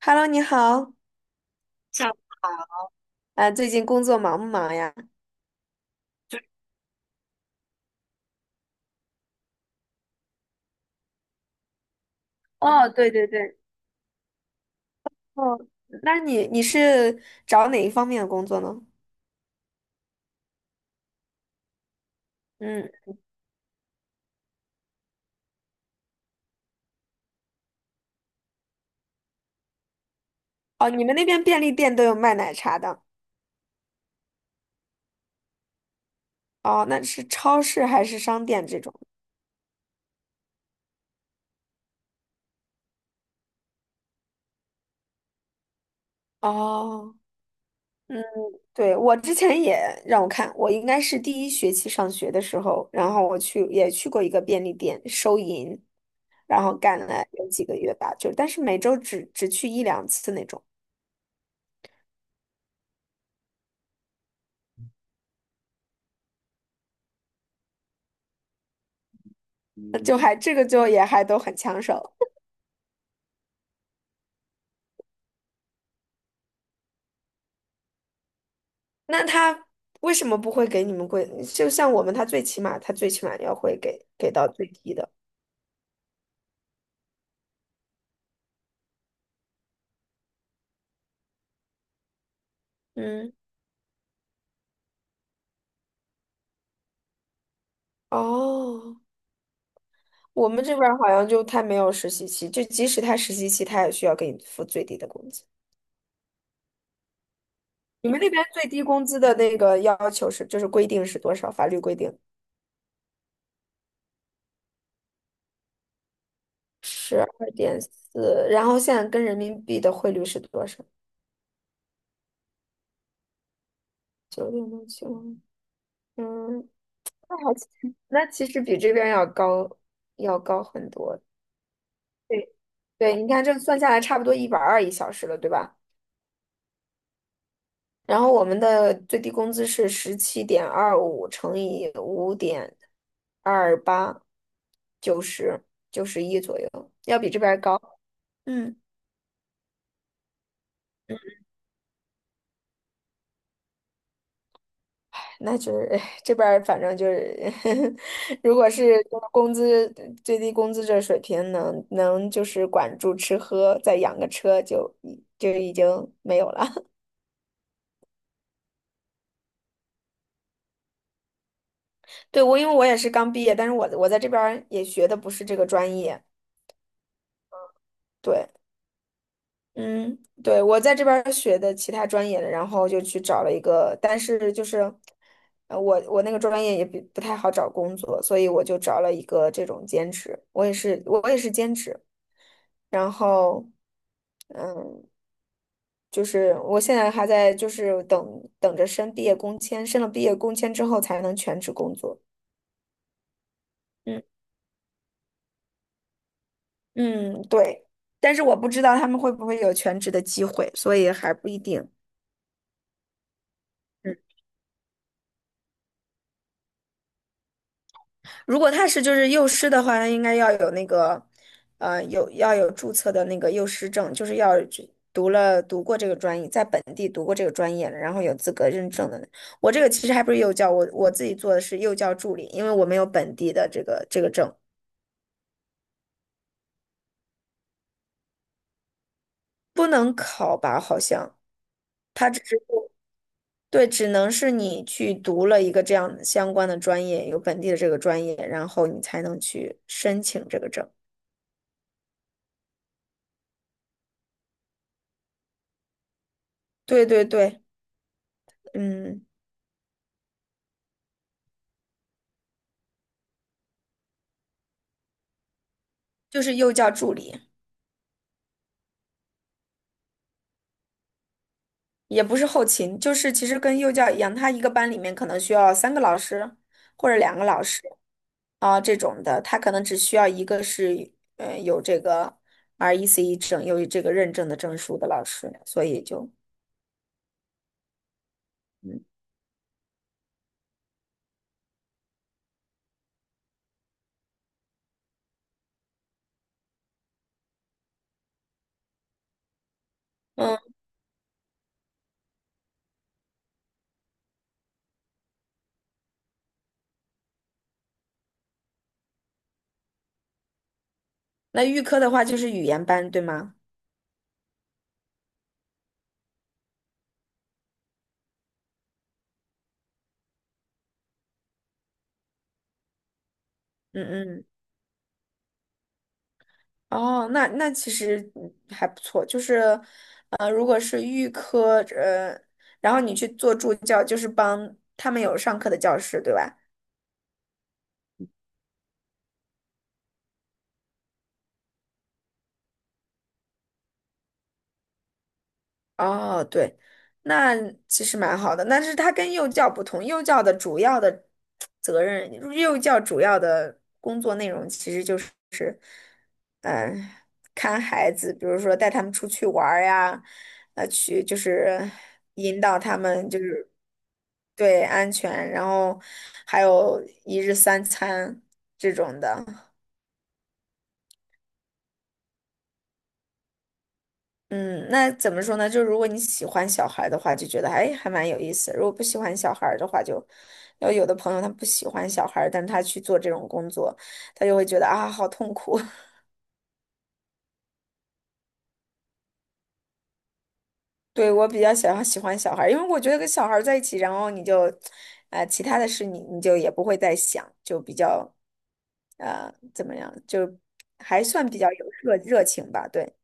Hello，你好，小啊，最近工作忙不忙呀？哦，对对对，哦，那你是找哪一方面的工作呢？嗯，哦，你们那边便利店都有卖奶茶的。哦，那是超市还是商店这种？哦，对，我之前也让我看，我应该是第一学期上学的时候，然后我去也去过一个便利店收银，然后干了有几个月吧，就但是每周只去一两次那种，就还这个就也还都很抢手。那他为什么不会给你们贵？就像我们，他最起码要会给到最低的。嗯，哦，我们这边儿好像就他没有实习期，就即使他实习期，他也需要给你付最低的工资。你们那边最低工资的那个要求是，就是规定是多少？法律规定12.4，然后现在跟人民币的汇率是多少？9.675。嗯，那还其那其实比这边要高，要高很多。对，对，你看这算下来差不多120一小时了，对吧？然后我们的最低工资是17.25乘以5.28，九十91左右，要比这边儿高。嗯，那就是唉这边儿反正就是 如果是就是工资最低工资这水平能就是管住吃喝，再养个车就已经没有了。对，因为我也是刚毕业，但是我在这边儿也学的不是这个专业，对，嗯，对，我在这边儿学的其他专业的，然后就去找了一个，但是就是，我那个专业也不太好找工作，所以我就找了一个这种兼职，我也是兼职，然后，嗯，就是我现在还在就是等着申毕业工签，申了毕业工签之后才能全职工作。嗯嗯，对，但是我不知道他们会不会有全职的机会，所以还不一定。嗯。如果他是就是幼师的话，他应该要有那个，有要有注册的那个幼师证，就是要去读过这个专业，在本地读过这个专业了，然后有资格认证的。我这个其实还不是幼教，我自己做的是幼教助理，因为我没有本地的这个证，不能考吧？好像他只是对，只能是你去读了一个这样相关的专业，有本地的这个专业，然后你才能去申请这个证。对对对，嗯，就是幼教助理。也不是后勤，就是其实跟幼教一样，他一个班里面可能需要3个老师或者2个老师啊、这种的，他可能只需要一个是有这个 RECE 证，有这个认证的证书的老师，所以就嗯，那预科的话就是语言班，对吗？嗯嗯，哦，那其实还不错，就是如果是预科然后你去做助教，就是帮他们有上课的教室，对吧？哦，对，那其实蛮好的。但是它跟幼教不同，幼教的主要的责任，幼教主要的工作内容其实就是，嗯、看孩子，比如说带他们出去玩儿呀，去就是引导他们就是对安全，然后还有一日三餐这种的。嗯，那怎么说呢？就如果你喜欢小孩的话，就觉得哎还蛮有意思；如果不喜欢小孩的话就，要有的朋友他不喜欢小孩，但他去做这种工作，他就会觉得啊好痛苦。对，我比较想要喜欢小孩，因为我觉得跟小孩在一起，然后你就，其他的事你就也不会再想，就比较怎么样，就还算比较有热情吧。对，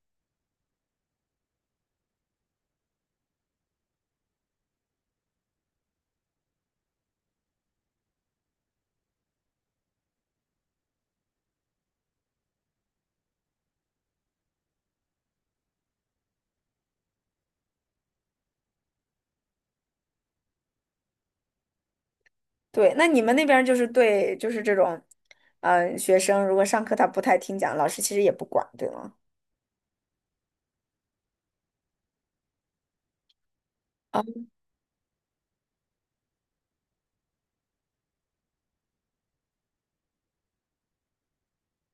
对，那你们那边儿就是对，就是这种，嗯、学生如果上课他不太听讲，老师其实也不管，对吗？哦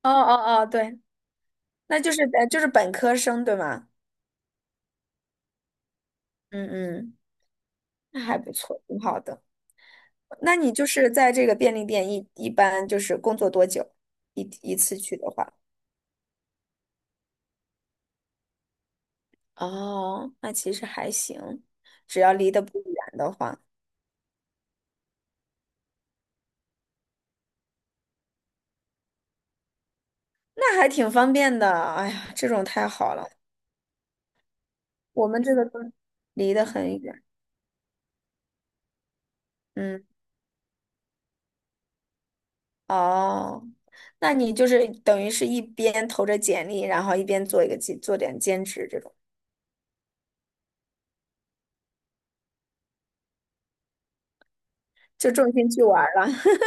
哦哦哦，对，那就是就是本科生，对吗？嗯嗯，那还不错，挺好的。那你就是在这个便利店一般就是工作多久？一次去的话，哦，那其实还行，只要离得不远的话，那还挺方便的。哎呀，这种太好了，我们这个都离得很远。嗯。哦，那你就是等于是一边投着简历，然后一边做一个兼做点兼职这种，就重心去玩儿了。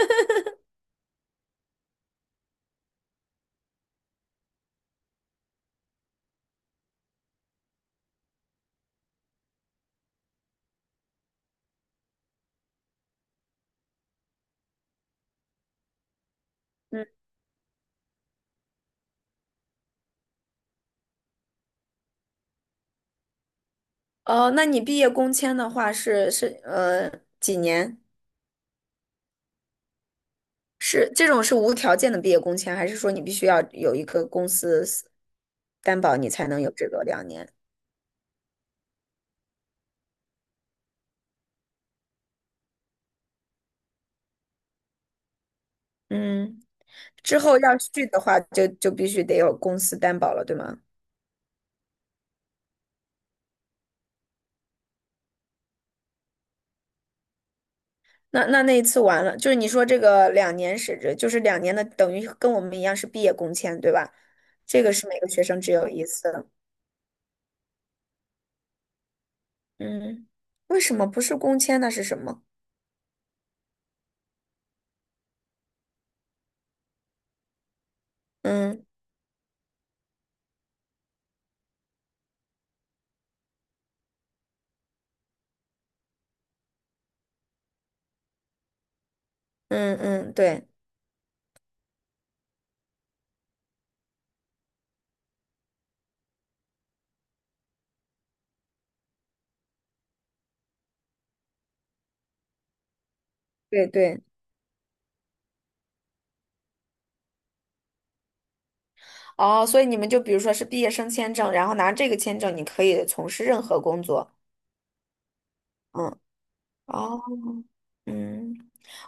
嗯，哦，那你毕业工签的话是几年？是这种是无条件的毕业工签，还是说你必须要有一个公司担保你才能有这个两年？嗯，之后要续的话就必须得有公司担保了，对吗？那一次完了，就是你说这个两年是指，就是2年的，等于跟我们一样是毕业工签，对吧？这个是每个学生只有一次。的。嗯，为什么不是工签？那是什么？嗯嗯嗯，对对对。哦，所以你们就比如说是毕业生签证，然后拿这个签证，你可以从事任何工作。嗯，哦，嗯，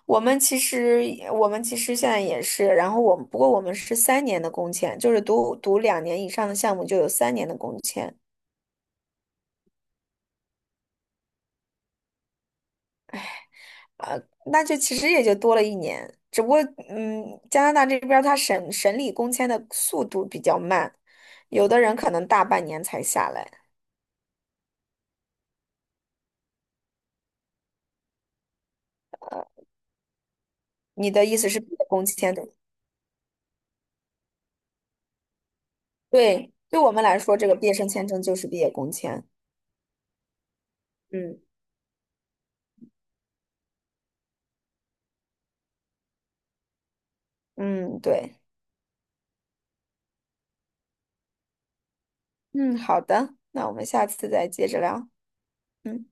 我们其实我们其实现在也是，然后我们不过我们是三年的工签，就是读2年以上的项目就有三年的工签。呃，那就其实也就多了1年，只不过加拿大这边他审理工签的速度比较慢，有的人可能大半年才下来。你的意思是毕业工签的？对，对我们来说，这个毕业生签证就是毕业工签。嗯嗯，对，嗯，好的，那我们下次再接着聊。嗯。